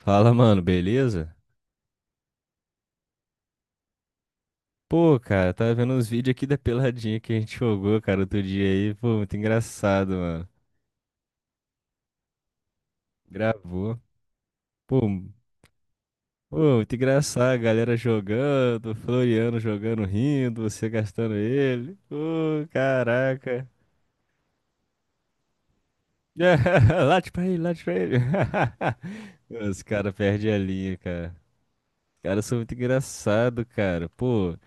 Fala, mano, beleza? Pô, cara, tava vendo uns vídeos aqui da peladinha que a gente jogou, cara, outro dia aí. Pô, muito engraçado, mano. Gravou. Pô, pô, muito engraçado. A galera jogando, o Floriano jogando, rindo, você gastando ele. Pô, caraca. Late pra ele, late pra ele. Os caras perdem a linha, cara. Os caras são muito engraçados, cara. Pô,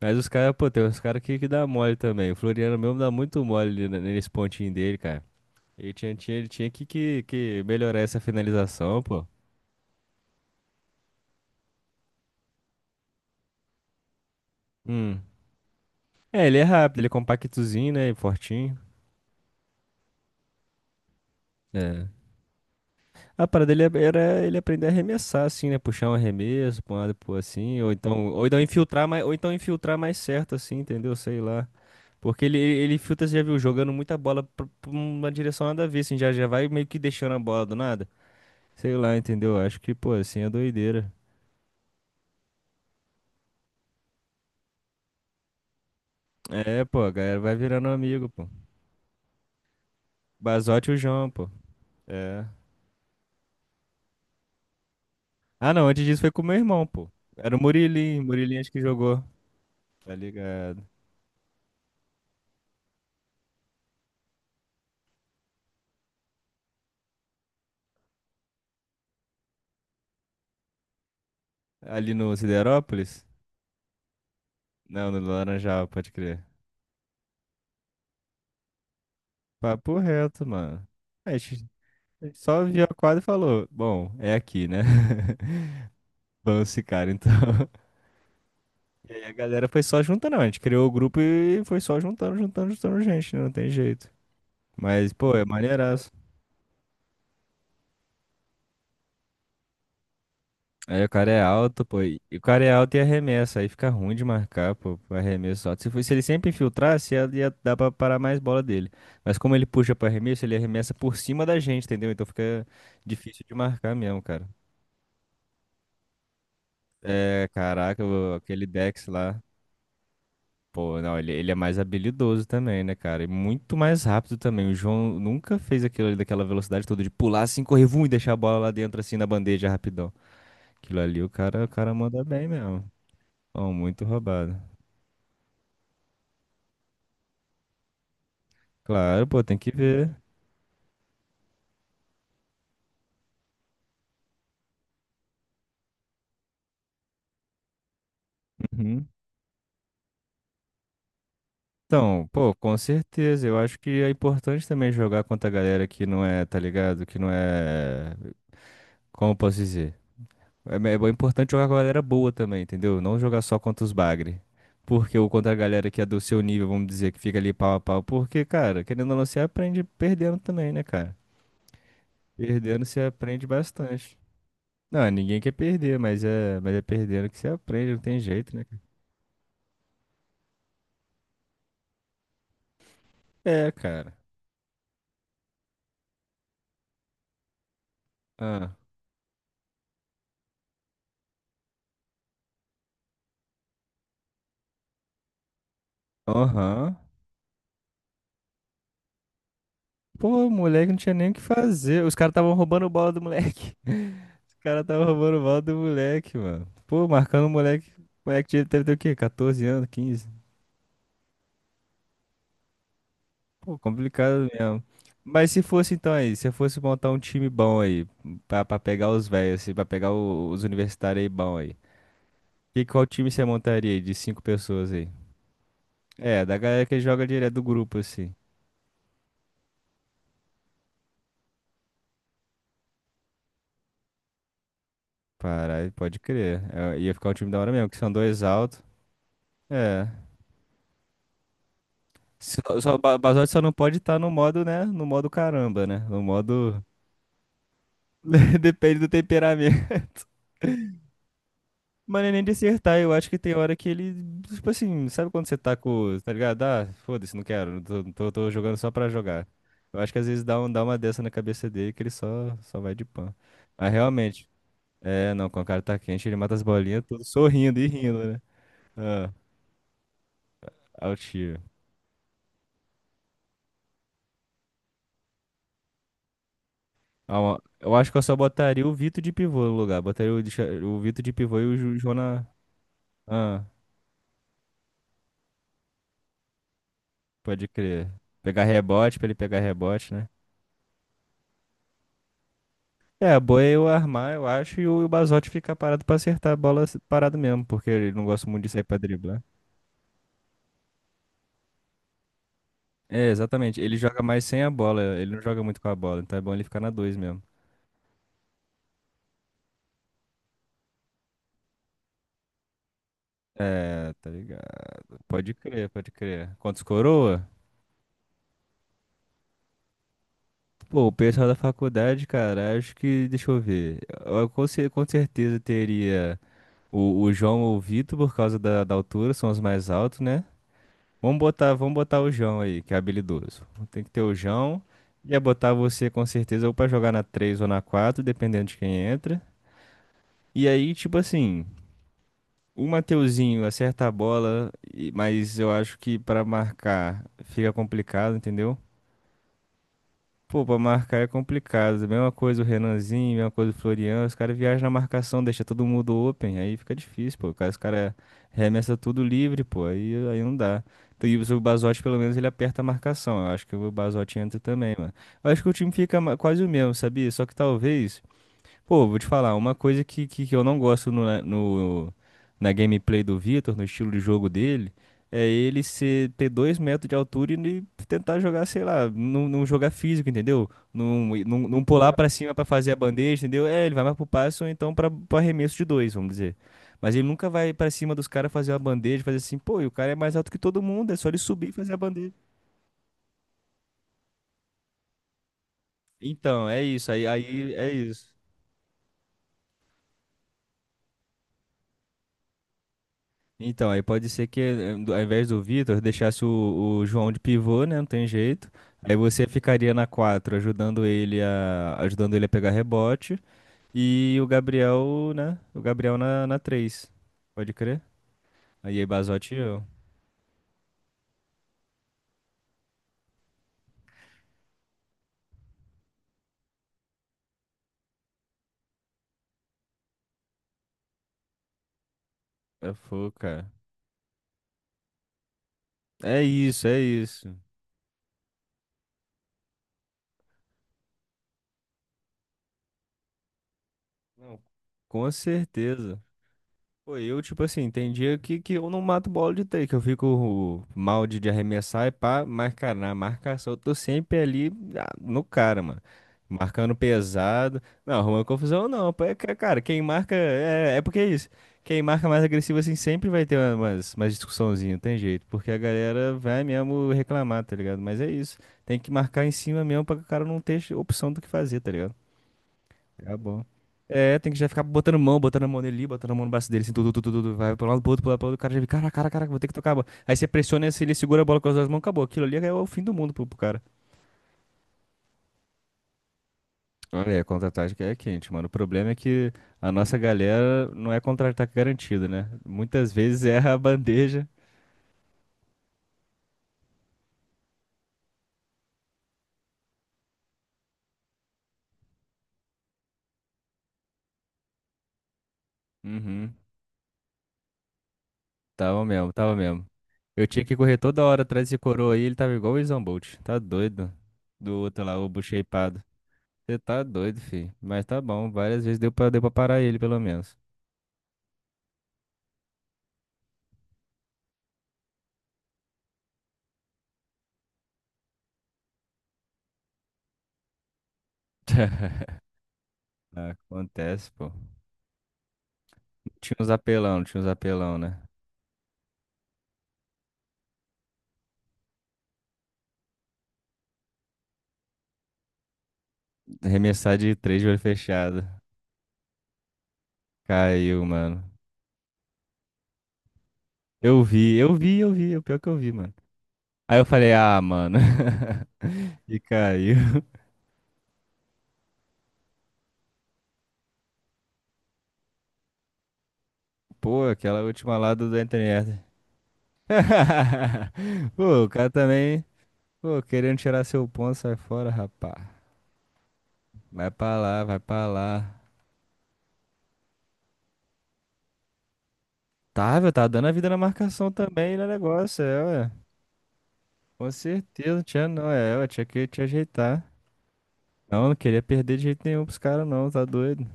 mas os caras, pô, tem uns caras que dá mole também. O Floriano mesmo dá muito mole nesse pontinho dele, cara. Ele tinha que melhorar essa finalização, pô. Hum. É, ele é rápido, ele é compactozinho, né? E fortinho. É. A parada dele era ele aprender a arremessar, assim, né? Puxar um arremesso pra um lado, pô, assim. Ou então infiltrar mais, ou então infiltrar mais certo, assim, entendeu? Sei lá. Porque ele filtra, você já viu, jogando muita bola pra uma direção nada a ver, assim, já vai meio que deixando a bola do nada. Sei lá, entendeu? Acho que, pô, assim é doideira. É, pô, a galera vai virando amigo, pô. Basote e o João, pô. É. Ah, não, antes disso foi com o meu irmão, pô. Era o Murilinho, Murilinho acho que jogou, tá ligado? Ali no Siderópolis? Não, no Laranjal, pode crer. Papo reto, mano. A gente a gente só viu a quadra e falou, bom, é aqui, né? Vamos ficar, então. E aí a galera foi só juntando, a gente criou o grupo e foi só juntando, juntando, juntando gente, né? Não tem jeito. Mas, pô, é maneiraço. Aí o cara é alto, pô. E o cara é alto e arremessa. Aí fica ruim de marcar, pô. Pro arremesso alto. Se ele sempre infiltrasse, ia dar pra parar mais bola dele. Mas como ele puxa pro arremesso, ele arremessa por cima da gente, entendeu? Então fica difícil de marcar mesmo, cara. É, caraca, aquele Dex lá. Pô, não, ele é mais habilidoso também, né, cara? E muito mais rápido também. O João nunca fez aquilo ali daquela velocidade toda de pular assim, correr, vum, e deixar a bola lá dentro assim na bandeja rapidão. Aquilo ali, o cara manda bem mesmo. Ó, muito roubado. Claro, pô, tem que ver. Uhum. Então, pô, com certeza. Eu acho que é importante também jogar contra a galera que não é, tá ligado? Que não é. Como eu posso dizer? É, é importante jogar com a galera boa também, entendeu? Não jogar só contra os bagre. Porque ou contra a galera que é do seu nível, vamos dizer, que fica ali pau a pau. Porque, cara, querendo ou não, você aprende perdendo também, né, cara? Perdendo você aprende bastante. Não, ninguém quer perder, mas é perdendo que você aprende, não tem jeito, né, cara? É, cara. Ah. Aham. Pô, o moleque não tinha nem o que fazer. Os caras estavam roubando bola do moleque. Os caras estavam roubando bola do moleque, mano. Pô, marcando o moleque. O moleque deve ter o quê? 14 anos, 15? Pô, complicado mesmo. Mas se fosse então aí, se eu fosse montar um time bom aí, pra pegar os velhos, assim, pra pegar os universitários aí bom aí. E qual time você montaria aí de cinco pessoas aí? É, da galera que joga direto do grupo, assim. Caralho, pode crer. É, ia ficar um time da hora mesmo, que são dois altos. É. Só, Basote só não pode estar no modo, né? No modo caramba, né? No modo. Depende do temperamento. Mas é nem de acertar, eu acho que tem hora que ele. Tipo assim, sabe quando você tá com. Tá ligado? Ah, foda-se, não quero. Tô jogando só pra jogar. Eu acho que às vezes dá, dá uma dessa na cabeça dele que ele só vai de pan. Mas realmente. É, não, quando o cara tá quente, ele mata as bolinhas, tudo sorrindo e rindo, né? Ah, alto. Ah, ó, eu acho que eu só botaria o Vitor de pivô no lugar. Botaria o Vitor de pivô e o Jona. Ah, pode crer. Pegar rebote pra ele pegar rebote, né? É, a boa é eu armar, eu acho, e o Bazotti ficar parado pra acertar a bola parado mesmo, porque ele não gosta muito de sair pra driblar. É, exatamente. Ele joga mais sem a bola, ele não joga muito com a bola, então é bom ele ficar na dois mesmo. É, tá ligado. Pode crer, pode crer. Quantos coroa? Pô, o pessoal da faculdade, cara, acho que, deixa eu ver. Eu com certeza teria. O João ou o Vitor, por causa da altura, são os mais altos, né? Vamos botar o João aí, que é habilidoso. Tem que ter o João. Ia botar você com certeza ou pra jogar na 3 ou na 4 dependendo de quem entra. E aí, tipo assim, o Mateuzinho acerta a bola, mas eu acho que pra marcar fica complicado, entendeu? Pô, pra marcar é complicado. Mesma coisa o Renanzinho, mesma coisa o Florian. Os caras viajam na marcação, deixa todo mundo open. Aí fica difícil, pô. Os caras remessa tudo livre, pô. Aí não dá. Então, e o Bazotti, pelo menos, ele aperta a marcação. Eu acho que o Bazotti entra também, mano. Eu acho que o time fica quase o mesmo, sabia? Só que talvez. Pô, vou te falar, uma coisa que eu não gosto no, na- no, na gameplay do Vitor, no estilo de jogo dele, é ele ter 2 metros de altura e ele tentar jogar, sei lá, não, não jogar físico, entendeu? Não, não, não pular pra cima pra fazer a bandeja, entendeu? É, ele vai mais pro passo, ou então pro arremesso de dois, vamos dizer. Mas ele nunca vai pra cima dos caras fazer uma bandeja, fazer assim, pô, e o cara é mais alto que todo mundo, é só ele subir e fazer a bandeja. Então, é isso, aí é isso. Então, aí pode ser que ao invés do Vitor, deixasse o João de pivô, né? Não tem jeito. Aí você ficaria na 4 ajudando ajudando ele a pegar rebote. E o Gabriel, né? O Gabriel na 3. Pode crer? Aí Basotti e eu. É fogo, cara. É isso, é isso. Não, com certeza. Pô, eu, tipo assim, tem dia que eu não mato bola de três, que eu fico mal de arremessar e pá, mas, cara, na marcação eu tô sempre ali no cara, mano. Marcando pesado. Não, arruma confusão não. Pô, é, que, cara, quem marca. É porque é isso. Quem marca mais agressivo assim sempre vai ter umas discussãozinha, não tem jeito. Porque a galera vai mesmo reclamar, tá ligado? Mas é isso. Tem que marcar em cima mesmo pra que o cara não ter opção do que fazer, tá ligado? Tá bom. É, tem que já ficar botando mão, botando a mão nele, ali, botando a mão no braço dele, assim, tudo, tudo, tudo, vai pro lado, pro outro, pro lado, pro outro, o cara já vê, cara, cara, cara, vou ter que tocar a bola. Aí você pressiona, se ele segura a bola com as duas mãos, acabou. Aquilo ali é o fim do mundo pro cara. Olha, é, contra-ataque é quente, mano. O problema é que a nossa galera não é contra-ataque garantido, né? Muitas vezes erra a bandeja. Uhum. Tava mesmo, tava mesmo. Eu tinha que correr toda hora atrás desse coroa aí, ele tava igual o Usain Bolt. Tá doido. Do outro lá, o bucheipado. Você tá doido, filho. Mas tá bom, várias vezes deu pra parar ele, pelo menos. Acontece, pô. Tinha uns apelão, não tinha uns apelão, né? Arremessar de três, de olho fechado. Caiu, mano. Eu vi, eu vi, eu vi. É o pior que eu vi, mano. Aí eu falei, ah, mano. E caiu. Pô, aquela última lá do da internet. Pô, o cara também. Pô, querendo tirar seu ponto, sai fora, rapá. Vai pra lá, vai pra lá. Tá dando a vida na marcação também, no negócio, é, ué. Com certeza, não tinha não, é, ué, tinha que te ajeitar. Não, não queria perder de jeito nenhum pros caras, não, tá doido.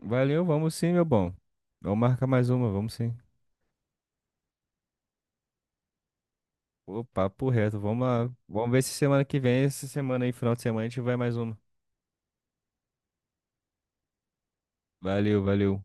Valeu, vamos sim, meu bom. Vamos marcar mais uma, vamos sim. Pô, papo reto, vamos lá. Vamos ver se semana que vem, essa semana aí, final de semana, a gente vai mais uma. Valeu, valeu.